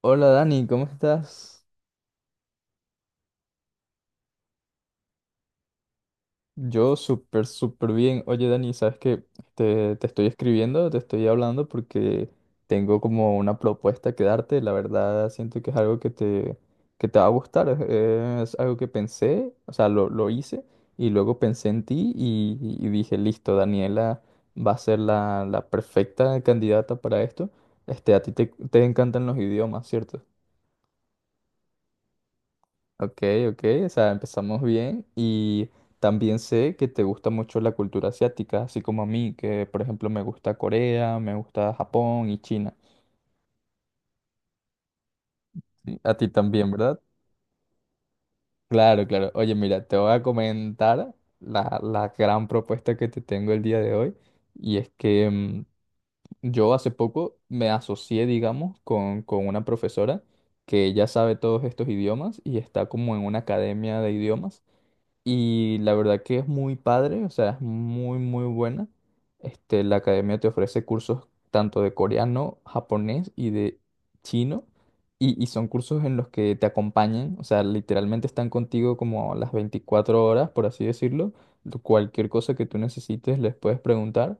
Hola Dani, ¿cómo estás? Yo súper, súper bien. Oye Dani, ¿sabes qué? Te estoy escribiendo, te estoy hablando porque tengo como una propuesta que darte. La verdad siento que es algo que te va a gustar. Es algo que pensé, o sea, lo hice y luego pensé en ti y dije, listo, Daniela va a ser la perfecta candidata para esto. Este, a ti te encantan los idiomas, ¿cierto? Ok, ok, o sea, empezamos bien y también sé que te gusta mucho la cultura asiática, así como a mí, que por ejemplo me gusta Corea, me gusta Japón y China. Sí, a ti también, ¿verdad? Claro, claro. Oye, mira, te voy a comentar la gran propuesta que te tengo el día de hoy y es que yo hace poco me asocié, digamos, con una profesora que ya sabe todos estos idiomas y está como en una academia de idiomas. Y la verdad que es muy padre, o sea, es muy, muy buena. Este, la academia te ofrece cursos tanto de coreano, japonés y de chino. Y son cursos en los que te acompañan, o sea, literalmente están contigo como las 24 horas, por así decirlo. Cualquier cosa que tú necesites les puedes preguntar.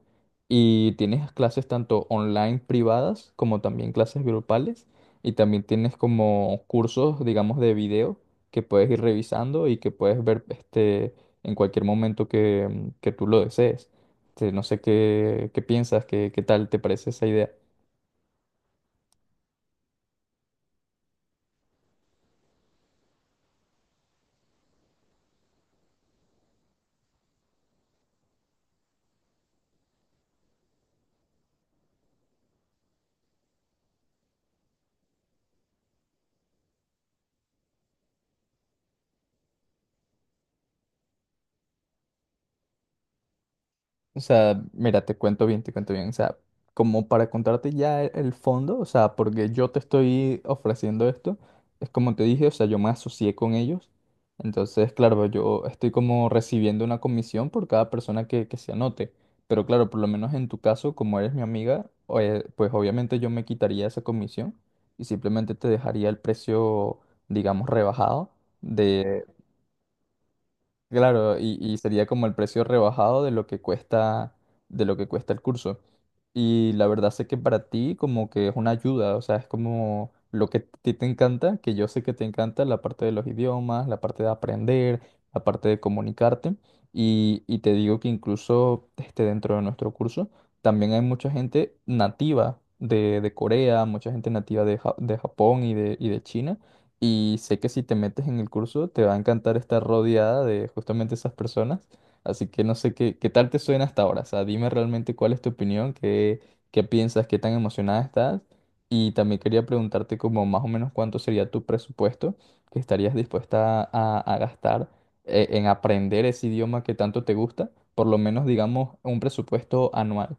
Y tienes clases tanto online privadas como también clases grupales. Y también tienes como cursos, digamos, de video que puedes ir revisando y que puedes ver en cualquier momento que tú lo desees. Este, no sé qué piensas, qué tal te parece esa idea. O sea, mira, te cuento bien, te cuento bien. O sea, como para contarte ya el fondo, o sea, porque yo te estoy ofreciendo esto, es como te dije, o sea, yo me asocié con ellos. Entonces, claro, yo estoy como recibiendo una comisión por cada persona que se anote. Pero claro, por lo menos en tu caso, como eres mi amiga, pues obviamente yo me quitaría esa comisión y simplemente te dejaría el precio, digamos, rebajado. Claro, y sería como el precio rebajado de lo que cuesta, de lo que cuesta el curso. Y la verdad sé que para ti como que es una ayuda, o sea, es como lo que a ti te encanta, que yo sé que te encanta la parte de los idiomas, la parte de aprender, la parte de comunicarte. Y te digo que incluso este, dentro de nuestro curso también hay mucha gente nativa de Corea, mucha gente nativa de Japón y de China y sé que si te metes en el curso te va a encantar estar rodeada de justamente esas personas. Así que no sé qué tal te suena hasta ahora. O sea, dime realmente cuál es tu opinión, qué piensas, qué tan emocionada estás. Y también quería preguntarte como más o menos cuánto sería tu presupuesto que estarías dispuesta a gastar en aprender ese idioma que tanto te gusta. Por lo menos digamos un presupuesto anual.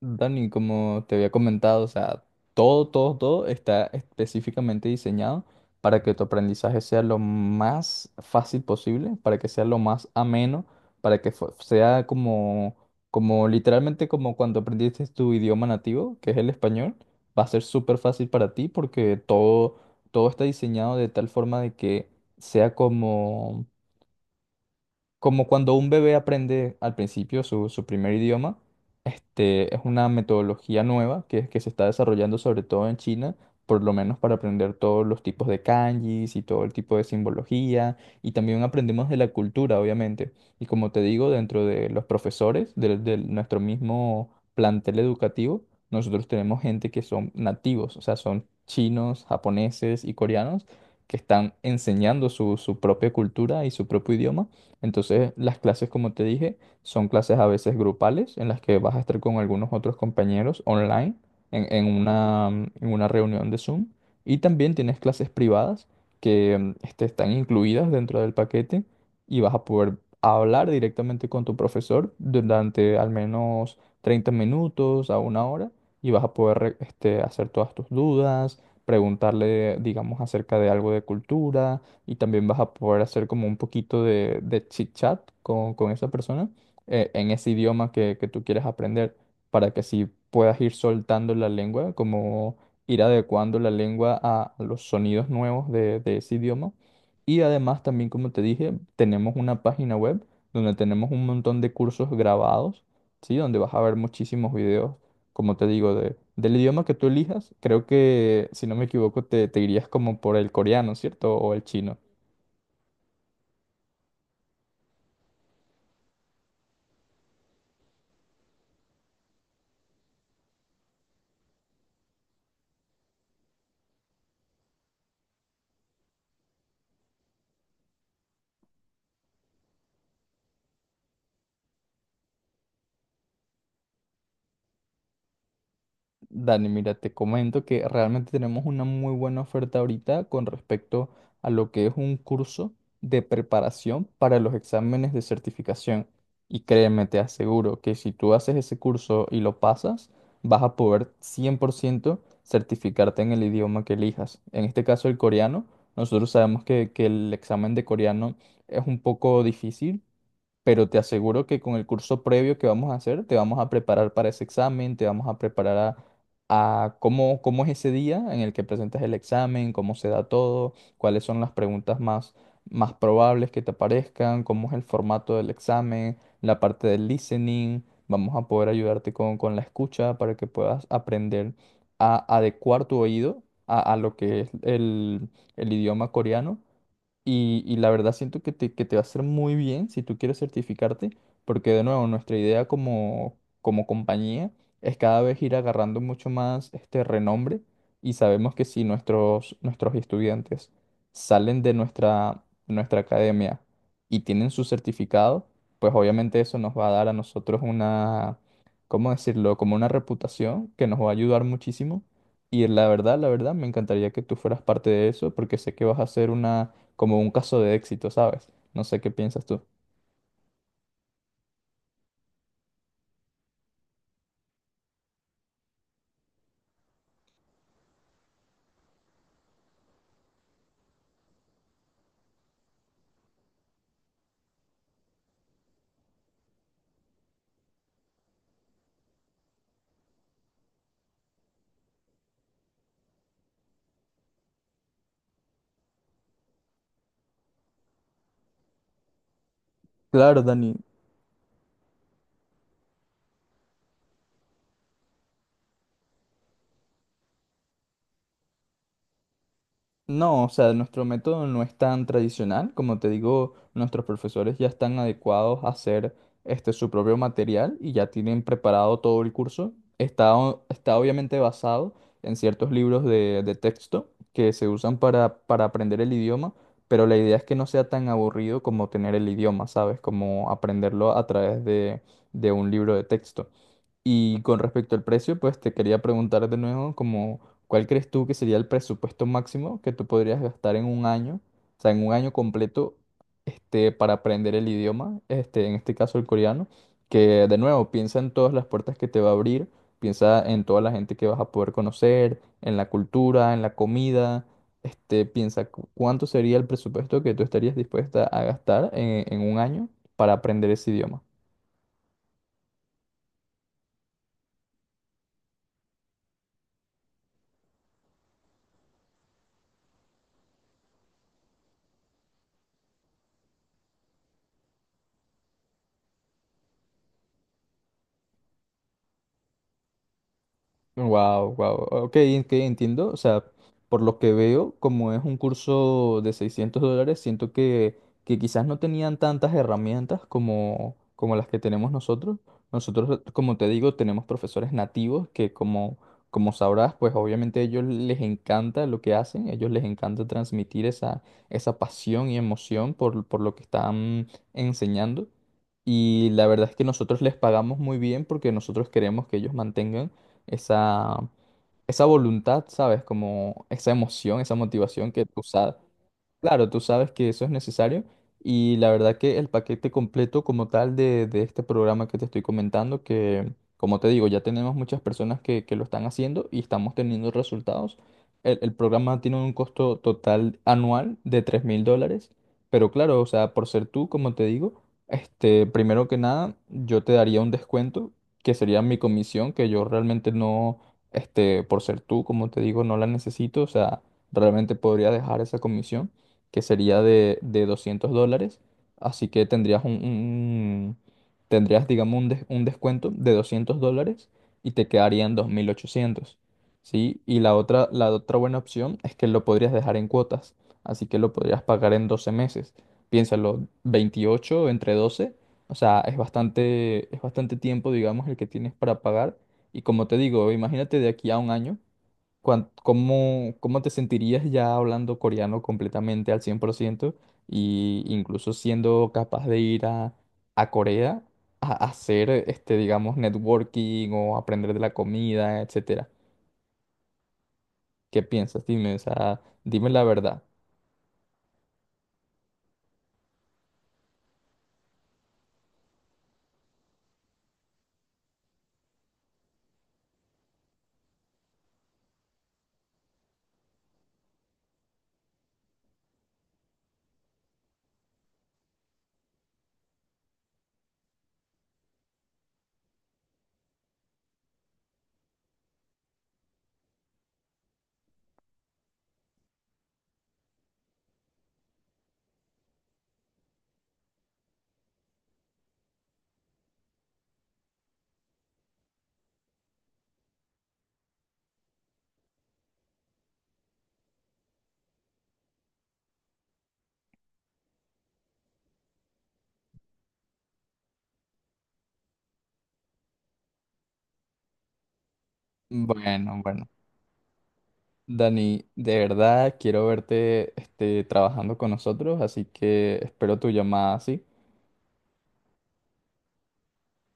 Dani, como te había comentado, o sea, todo, todo, todo está específicamente diseñado para que tu aprendizaje sea lo más fácil posible, para que sea lo más ameno, para que sea como, como literalmente como cuando aprendiste tu idioma nativo, que es el español, va a ser súper fácil para ti porque todo, todo está diseñado de tal forma de que sea como como cuando un bebé aprende al principio su primer idioma, este, es una metodología nueva que se está desarrollando sobre todo en China, por lo menos para aprender todos los tipos de kanjis y todo el tipo de simbología, y también aprendemos de la cultura, obviamente. Y como te digo, dentro de los profesores de nuestro mismo plantel educativo, nosotros tenemos gente que son nativos, o sea, son chinos, japoneses y coreanos que están enseñando su propia cultura y su propio idioma. Entonces, las clases, como te dije, son clases a veces grupales en las que vas a estar con algunos otros compañeros online en una reunión de Zoom. Y también tienes clases privadas que están incluidas dentro del paquete y vas a poder hablar directamente con tu profesor durante al menos 30 minutos a una hora y vas a poder hacer todas tus dudas, preguntarle, digamos, acerca de algo de cultura y también vas a poder hacer como un poquito de chit chat con esa persona en ese idioma que tú quieres aprender para que así puedas ir soltando la lengua, como ir adecuando la lengua a los sonidos nuevos de ese idioma. Y además también, como te dije, tenemos una página web donde tenemos un montón de cursos grabados, ¿sí? Donde vas a ver muchísimos videos, como te digo, del idioma que tú elijas. Creo que, si no me equivoco, te irías como por el coreano, ¿cierto? O el chino. Dani, mira, te comento que realmente tenemos una muy buena oferta ahorita con respecto a lo que es un curso de preparación para los exámenes de certificación. Y créeme, te aseguro que si tú haces ese curso y lo pasas, vas a poder 100% certificarte en el idioma que elijas. En este caso, el coreano. Nosotros sabemos que el examen de coreano es un poco difícil, pero te aseguro que con el curso previo que vamos a hacer, te vamos a preparar para ese examen, te vamos a preparar a cómo, cómo es ese día en el que presentas el examen, cómo se da todo, cuáles son las preguntas más probables que te aparezcan, cómo es el formato del examen, la parte del listening. Vamos a poder ayudarte con la escucha para que puedas aprender a adecuar tu oído a lo que es el el idioma coreano y la verdad siento que te va a hacer muy bien si tú quieres certificarte, porque de nuevo nuestra idea como, como compañía es cada vez ir agarrando mucho más este renombre y sabemos que si nuestros estudiantes salen de nuestra academia y tienen su certificado, pues obviamente eso nos va a dar a nosotros una, ¿cómo decirlo? Como una reputación que nos va a ayudar muchísimo. Y la verdad, me encantaría que tú fueras parte de eso, porque sé que vas a hacer una como un caso de éxito, ¿sabes? No sé qué piensas tú. Claro, Dani. No, o sea, nuestro método no es tan tradicional. Como te digo, nuestros profesores ya están adecuados a hacer su propio material y ya tienen preparado todo el curso. Está obviamente basado en ciertos libros de texto que se usan para aprender el idioma, pero la idea es que no sea tan aburrido como tener el idioma, ¿sabes? Como aprenderlo a través de un libro de texto. Y con respecto al precio, pues te quería preguntar de nuevo, como, ¿cuál crees tú que sería el presupuesto máximo que tú podrías gastar en un año, o sea, en un año completo, este, para aprender el idioma, este, en este caso el coreano, que de nuevo piensa en todas las puertas que te va a abrir, piensa en toda la gente que vas a poder conocer, en la cultura, en la comida, este, piensa cuánto sería el presupuesto que tú estarías dispuesta a gastar en un año para aprender ese idioma. Wow, wow. Ok, que entiendo. O sea, por lo que veo, como es un curso de $600, siento que quizás no tenían tantas herramientas como, como las que tenemos nosotros. Nosotros, como te digo, tenemos profesores nativos que, como, como sabrás, pues obviamente a ellos les encanta lo que hacen. A ellos les encanta transmitir esa, esa pasión y emoción por lo que están enseñando. Y la verdad es que nosotros les pagamos muy bien porque nosotros queremos que ellos mantengan esa, esa voluntad, ¿sabes? Como esa emoción, esa motivación que tú, Claro, tú sabes que eso es necesario y la verdad que el paquete completo como tal de este programa que te estoy comentando, que como te digo, ya tenemos muchas personas que lo están haciendo y estamos teniendo resultados. El programa tiene un costo total anual de $3000, pero claro, o sea, por ser tú, como te digo, este, primero que nada, yo te daría un descuento que sería mi comisión, que yo realmente no, este, por ser tú, como te digo, no la necesito, o sea, realmente podría dejar esa comisión que sería de $200. Así que tendrías tendrías, digamos, un descuento de $200 y te quedarían 2800, ¿sí? Y la otra buena opción es que lo podrías dejar en cuotas, así que lo podrías pagar en 12 meses. Piénsalo, 28 entre 12, o sea, es bastante tiempo, digamos, el que tienes para pagar. Y como te digo, imagínate de aquí a un año ¿cómo, cómo te sentirías ya hablando coreano completamente al 100% y incluso siendo capaz de ir a Corea a hacer, este, digamos, networking o aprender de la comida, etcétera? ¿Qué piensas? Dime, o sea, dime la verdad. Bueno, bueno. Dani, de verdad quiero verte, este, trabajando con nosotros, así que espero tu llamada, ¿sí?